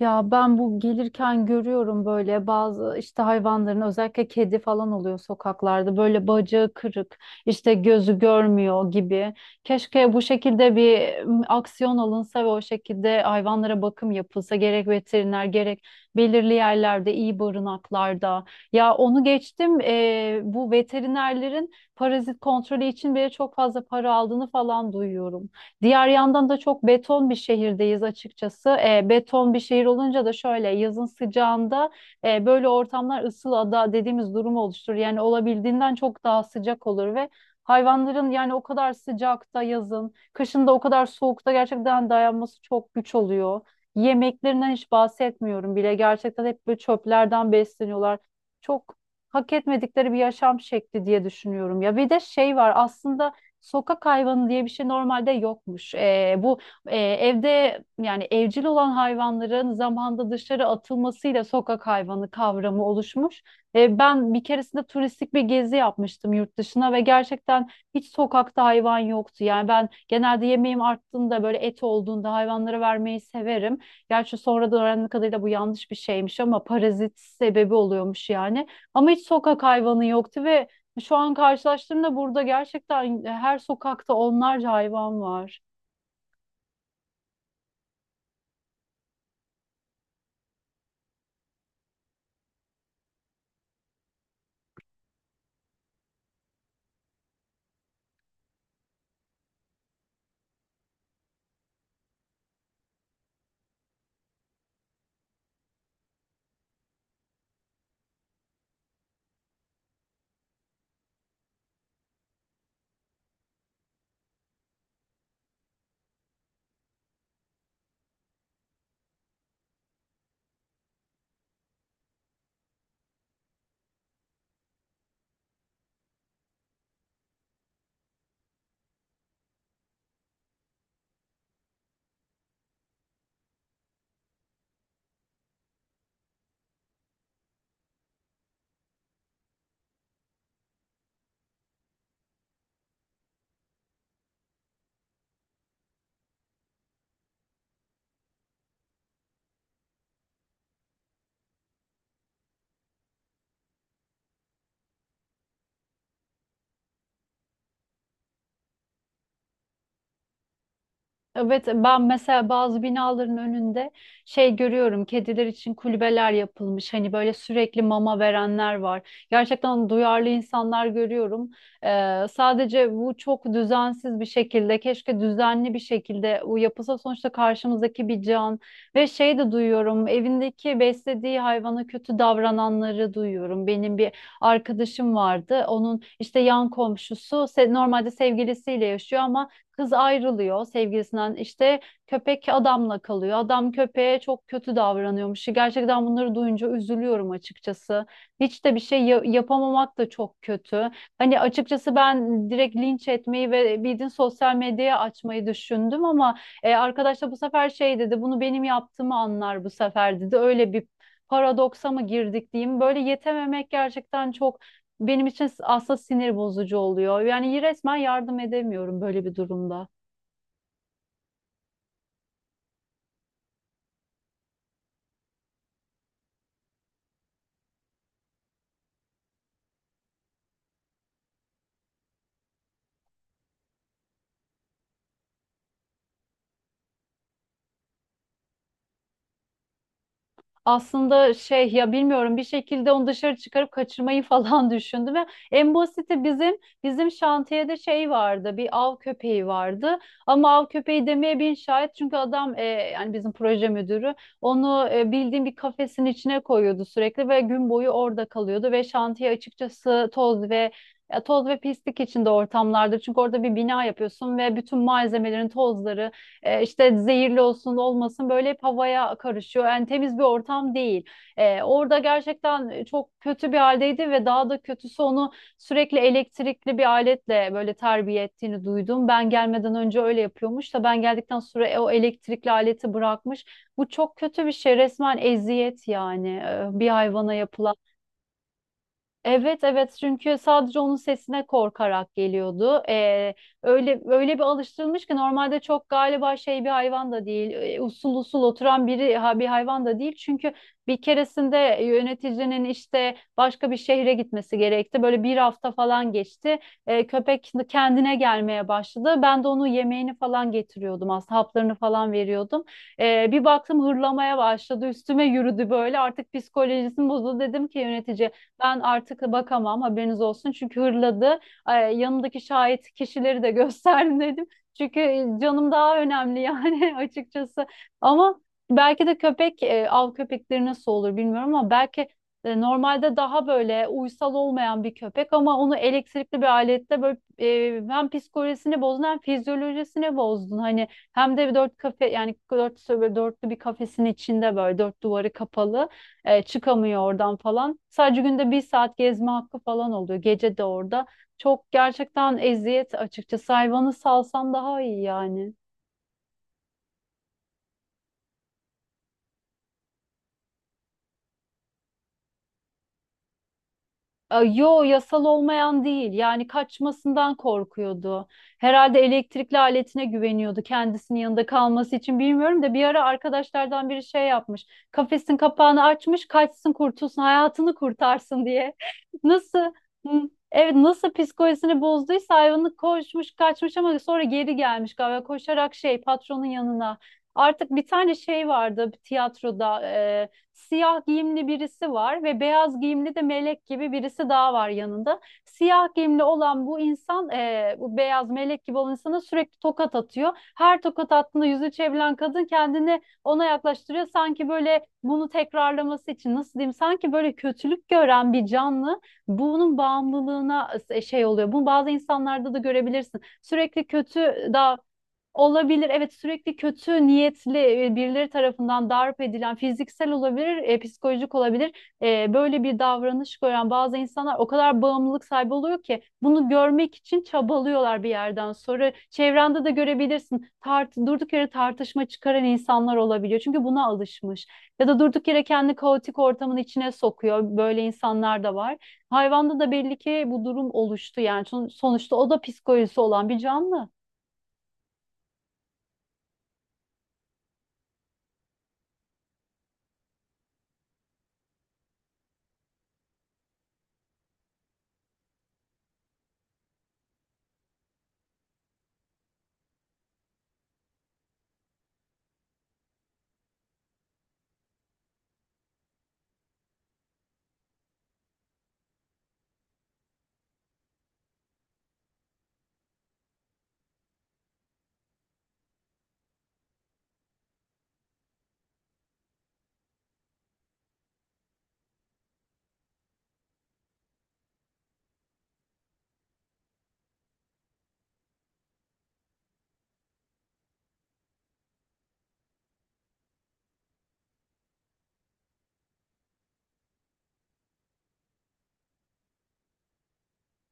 Ya ben bu gelirken görüyorum böyle bazı işte hayvanların özellikle kedi falan oluyor sokaklarda böyle bacağı kırık işte gözü görmüyor gibi. Keşke bu şekilde bir aksiyon alınsa ve o şekilde hayvanlara bakım yapılsa gerek veteriner gerek belirli yerlerde iyi barınaklarda. Ya onu geçtim bu veterinerlerin parazit kontrolü için bile çok fazla para aldığını falan duyuyorum. Diğer yandan da çok beton bir şehirdeyiz açıkçası. Beton bir şehir olunca da şöyle yazın sıcağında böyle ortamlar ısıl ada dediğimiz durumu oluşturur. Yani olabildiğinden çok daha sıcak olur ve hayvanların yani o kadar sıcakta yazın, kışın da o kadar soğukta gerçekten dayanması çok güç oluyor. Yemeklerinden hiç bahsetmiyorum bile. Gerçekten hep böyle çöplerden besleniyorlar. Çok hak etmedikleri bir yaşam şekli diye düşünüyorum ya. Bir de şey var aslında, sokak hayvanı diye bir şey normalde yokmuş. Bu evde yani evcil olan hayvanların zamanda dışarı atılmasıyla sokak hayvanı kavramı oluşmuş. Ben bir keresinde turistik bir gezi yapmıştım yurt dışına ve gerçekten hiç sokakta hayvan yoktu. Yani ben genelde yemeğim arttığında böyle et olduğunda hayvanlara vermeyi severim. Gerçi sonradan öğrendiğim kadarıyla bu yanlış bir şeymiş ama parazit sebebi oluyormuş yani. Ama hiç sokak hayvanı yoktu ve şu an karşılaştığımda burada gerçekten her sokakta onlarca hayvan var. Evet, ben mesela bazı binaların önünde şey görüyorum, kediler için kulübeler yapılmış, hani böyle sürekli mama verenler var. Gerçekten duyarlı insanlar görüyorum. Sadece bu çok düzensiz bir şekilde, keşke düzenli bir şekilde bu yapılsa, sonuçta karşımızdaki bir can. Ve şey de duyuyorum, evindeki beslediği hayvana kötü davrananları duyuyorum. Benim bir arkadaşım vardı, onun işte yan komşusu normalde sevgilisiyle yaşıyor ama kız ayrılıyor sevgilisinden, işte köpek adamla kalıyor. Adam köpeğe çok kötü davranıyormuş. Gerçekten bunları duyunca üzülüyorum açıkçası. Hiç de yapamamak da çok kötü. Hani açıkçası ben direkt linç etmeyi ve bildiğin sosyal medyaya açmayı düşündüm ama arkadaş da bu sefer şey dedi, bunu benim yaptığımı anlar bu sefer dedi. Öyle bir paradoksa mı girdik diyeyim. Böyle yetememek gerçekten çok benim için aslında sinir bozucu oluyor. Yani resmen yardım edemiyorum böyle bir durumda. Aslında şey ya, bilmiyorum, bir şekilde onu dışarı çıkarıp kaçırmayı falan düşündüm. Ve en basiti bizim, bizim şantiyede şey vardı, bir av köpeği vardı ama av köpeği demeye bin şahit, çünkü adam yani bizim proje müdürü onu bildiğim bir kafesin içine koyuyordu sürekli ve gün boyu orada kalıyordu ve şantiye açıkçası toz ve, ya toz ve pislik içinde ortamlardı, çünkü orada bir bina yapıyorsun ve bütün malzemelerin tozları işte zehirli olsun olmasın böyle hep havaya karışıyor. Yani temiz bir ortam değil. Orada gerçekten çok kötü bir haldeydi ve daha da kötüsü onu sürekli elektrikli bir aletle böyle terbiye ettiğini duydum. Ben gelmeden önce öyle yapıyormuş da ben geldikten sonra o elektrikli aleti bırakmış. Bu çok kötü bir şey. Resmen eziyet yani, bir hayvana yapılan. Evet, evet, çünkü sadece onun sesine korkarak geliyordu. Öyle bir alıştırılmış ki normalde çok galiba şey bir hayvan da değil. Usul usul oturan biri ha, bir hayvan da değil. Çünkü bir keresinde yöneticinin işte başka bir şehre gitmesi gerekti. Böyle bir hafta falan geçti. Köpek kendine gelmeye başladı. Ben de onu yemeğini falan getiriyordum aslında, haplarını falan veriyordum. Bir baktım hırlamaya başladı. Üstüme yürüdü böyle. Artık psikolojisini bozuldu, dedim ki yönetici, ben artık bakamam haberiniz olsun. Çünkü hırladı. Ay, yanımdaki şahit kişileri de gösterdim, dedim. Çünkü canım daha önemli yani açıkçası. Ama belki de köpek, av köpekleri nasıl olur bilmiyorum ama belki normalde daha böyle uysal olmayan bir köpek, ama onu elektrikli bir alette böyle, hem psikolojisini bozdun hem fizyolojisini bozdun. Hani hem de bir dörtlü bir kafesin içinde böyle, dört duvarı kapalı. Çıkamıyor oradan falan. Sadece günde bir saat gezme hakkı falan oluyor. Gece de orada. Çok gerçekten eziyet açıkçası. Hayvanı salsan daha iyi yani. Yo, yasal olmayan değil, yani kaçmasından korkuyordu. Herhalde elektrikli aletine güveniyordu kendisinin yanında kalması için, bilmiyorum da bir ara arkadaşlardan biri şey yapmış, kafesin kapağını açmış, kaçsın kurtulsun hayatını kurtarsın diye. Nasıl hı, evet, nasıl psikolojisini bozduysa hayvanı, koşmuş kaçmış ama sonra geri gelmiş galiba koşarak şey, patronun yanına. Artık bir tane şey vardı, bir tiyatroda siyah giyimli birisi var ve beyaz giyimli de melek gibi birisi daha var yanında. Siyah giyimli olan bu insan, bu beyaz melek gibi olan insana sürekli tokat atıyor. Her tokat attığında yüzü çevrilen kadın kendini ona yaklaştırıyor. Sanki böyle bunu tekrarlaması için, nasıl diyeyim? Sanki böyle kötülük gören bir canlı bunun bağımlılığına şey oluyor. Bunu bazı insanlarda da görebilirsin. Sürekli kötü daha. Olabilir. Evet, sürekli kötü niyetli birileri tarafından darp edilen, fiziksel olabilir, psikolojik olabilir. Böyle bir davranış gören bazı insanlar o kadar bağımlılık sahibi oluyor ki bunu görmek için çabalıyorlar bir yerden sonra. Çevrende de görebilirsin. Durduk yere tartışma çıkaran insanlar olabiliyor. Çünkü buna alışmış. Ya da durduk yere kendi kaotik ortamın içine sokuyor. Böyle insanlar da var. Hayvanda da belli ki bu durum oluştu yani. Sonuçta o da psikolojisi olan bir canlı.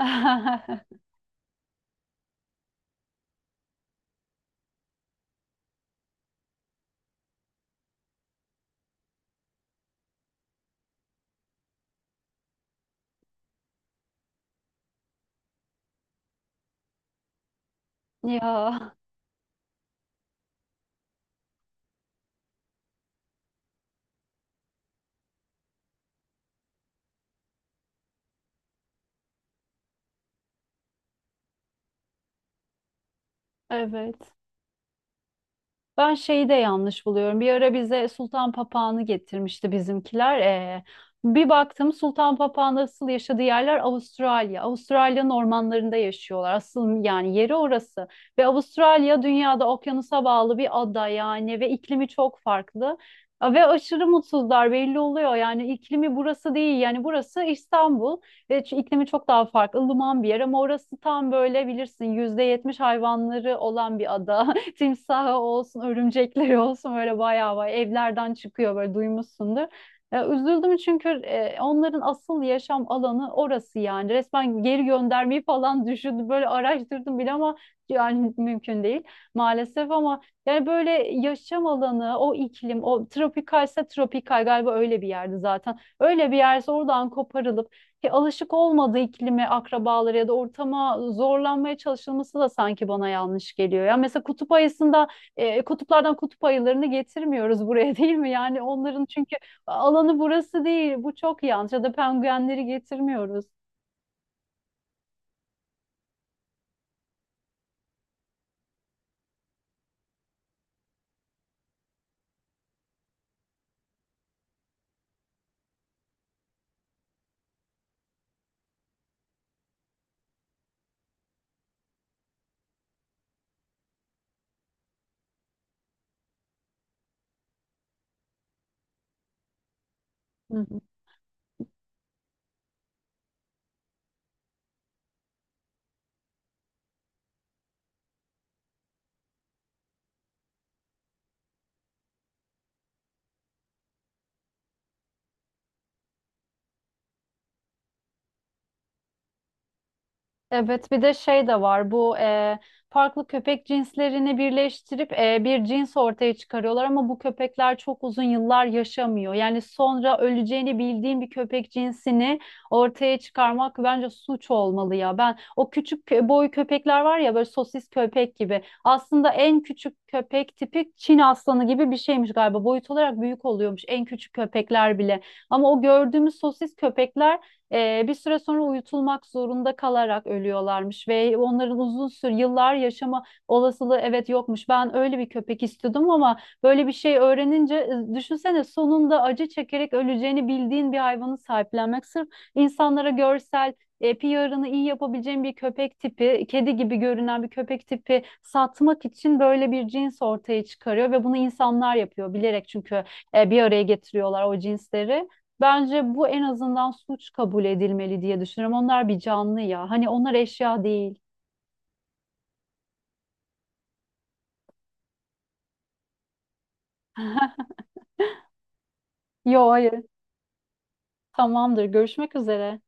Ya evet. Ben şeyi de yanlış buluyorum. Bir ara bize sultan papağanı getirmişti bizimkiler. Bir baktım, sultan papağanı asıl yaşadığı yerler Avustralya. Avustralya'nın ormanlarında yaşıyorlar. Asıl yani yeri orası. Ve Avustralya dünyada okyanusa bağlı bir ada yani ve iklimi çok farklı. Ve aşırı mutsuzlar, belli oluyor. Yani iklimi burası değil. Yani burası İstanbul. İklimi çok daha farklı. Ilıman bir yer ama orası tam böyle bilirsin %70 hayvanları olan bir ada. Timsahı olsun, örümcekleri olsun böyle bayağı bayağı evlerden çıkıyor, böyle duymuşsundur. Üzüldüm çünkü onların asıl yaşam alanı orası yani. Resmen geri göndermeyi falan düşündüm. Böyle araştırdım bile ama yani mümkün değil maalesef ama yani böyle yaşam alanı, o iklim, o tropikalse tropikal galiba öyle bir yerde zaten. Öyle bir yerse oradan koparılıp, ki alışık olmadığı iklime, akrabaları ya da ortama zorlanmaya çalışılması da sanki bana yanlış geliyor. Ya mesela kutup ayısında, kutuplardan kutup ayılarını getirmiyoruz buraya değil mi? Yani onların çünkü alanı burası değil. Bu çok yanlış. Ya da penguenleri getirmiyoruz. Hı hı. Evet, bir de şey de var. Bu farklı köpek cinslerini birleştirip bir cins ortaya çıkarıyorlar ama bu köpekler çok uzun yıllar yaşamıyor. Yani sonra öleceğini bildiğin bir köpek cinsini ortaya çıkarmak bence suç olmalı ya. Ben o boy köpekler var ya, böyle sosis köpek gibi. Aslında en küçük köpek tipi Çin aslanı gibi bir şeymiş galiba. Boyut olarak büyük oluyormuş en küçük köpekler bile. Ama o gördüğümüz sosis köpekler bir süre sonra uyutulmak zorunda kalarak ölüyorlarmış ve onların uzun süre yıllar yaşama olasılığı evet yokmuş. Ben öyle bir köpek istiyordum ama böyle bir şey öğrenince, düşünsene, sonunda acı çekerek öleceğini bildiğin bir hayvanı sahiplenmek sırf insanlara görsel PR'ını iyi yapabileceğin bir köpek tipi, kedi gibi görünen bir köpek tipi satmak için böyle bir cins ortaya çıkarıyor ve bunu insanlar yapıyor bilerek, çünkü bir araya getiriyorlar o cinsleri. Bence bu en azından suç kabul edilmeli diye düşünüyorum. Onlar bir canlı ya. Hani onlar eşya değil. Yo, hayır. Tamamdır. Görüşmek üzere.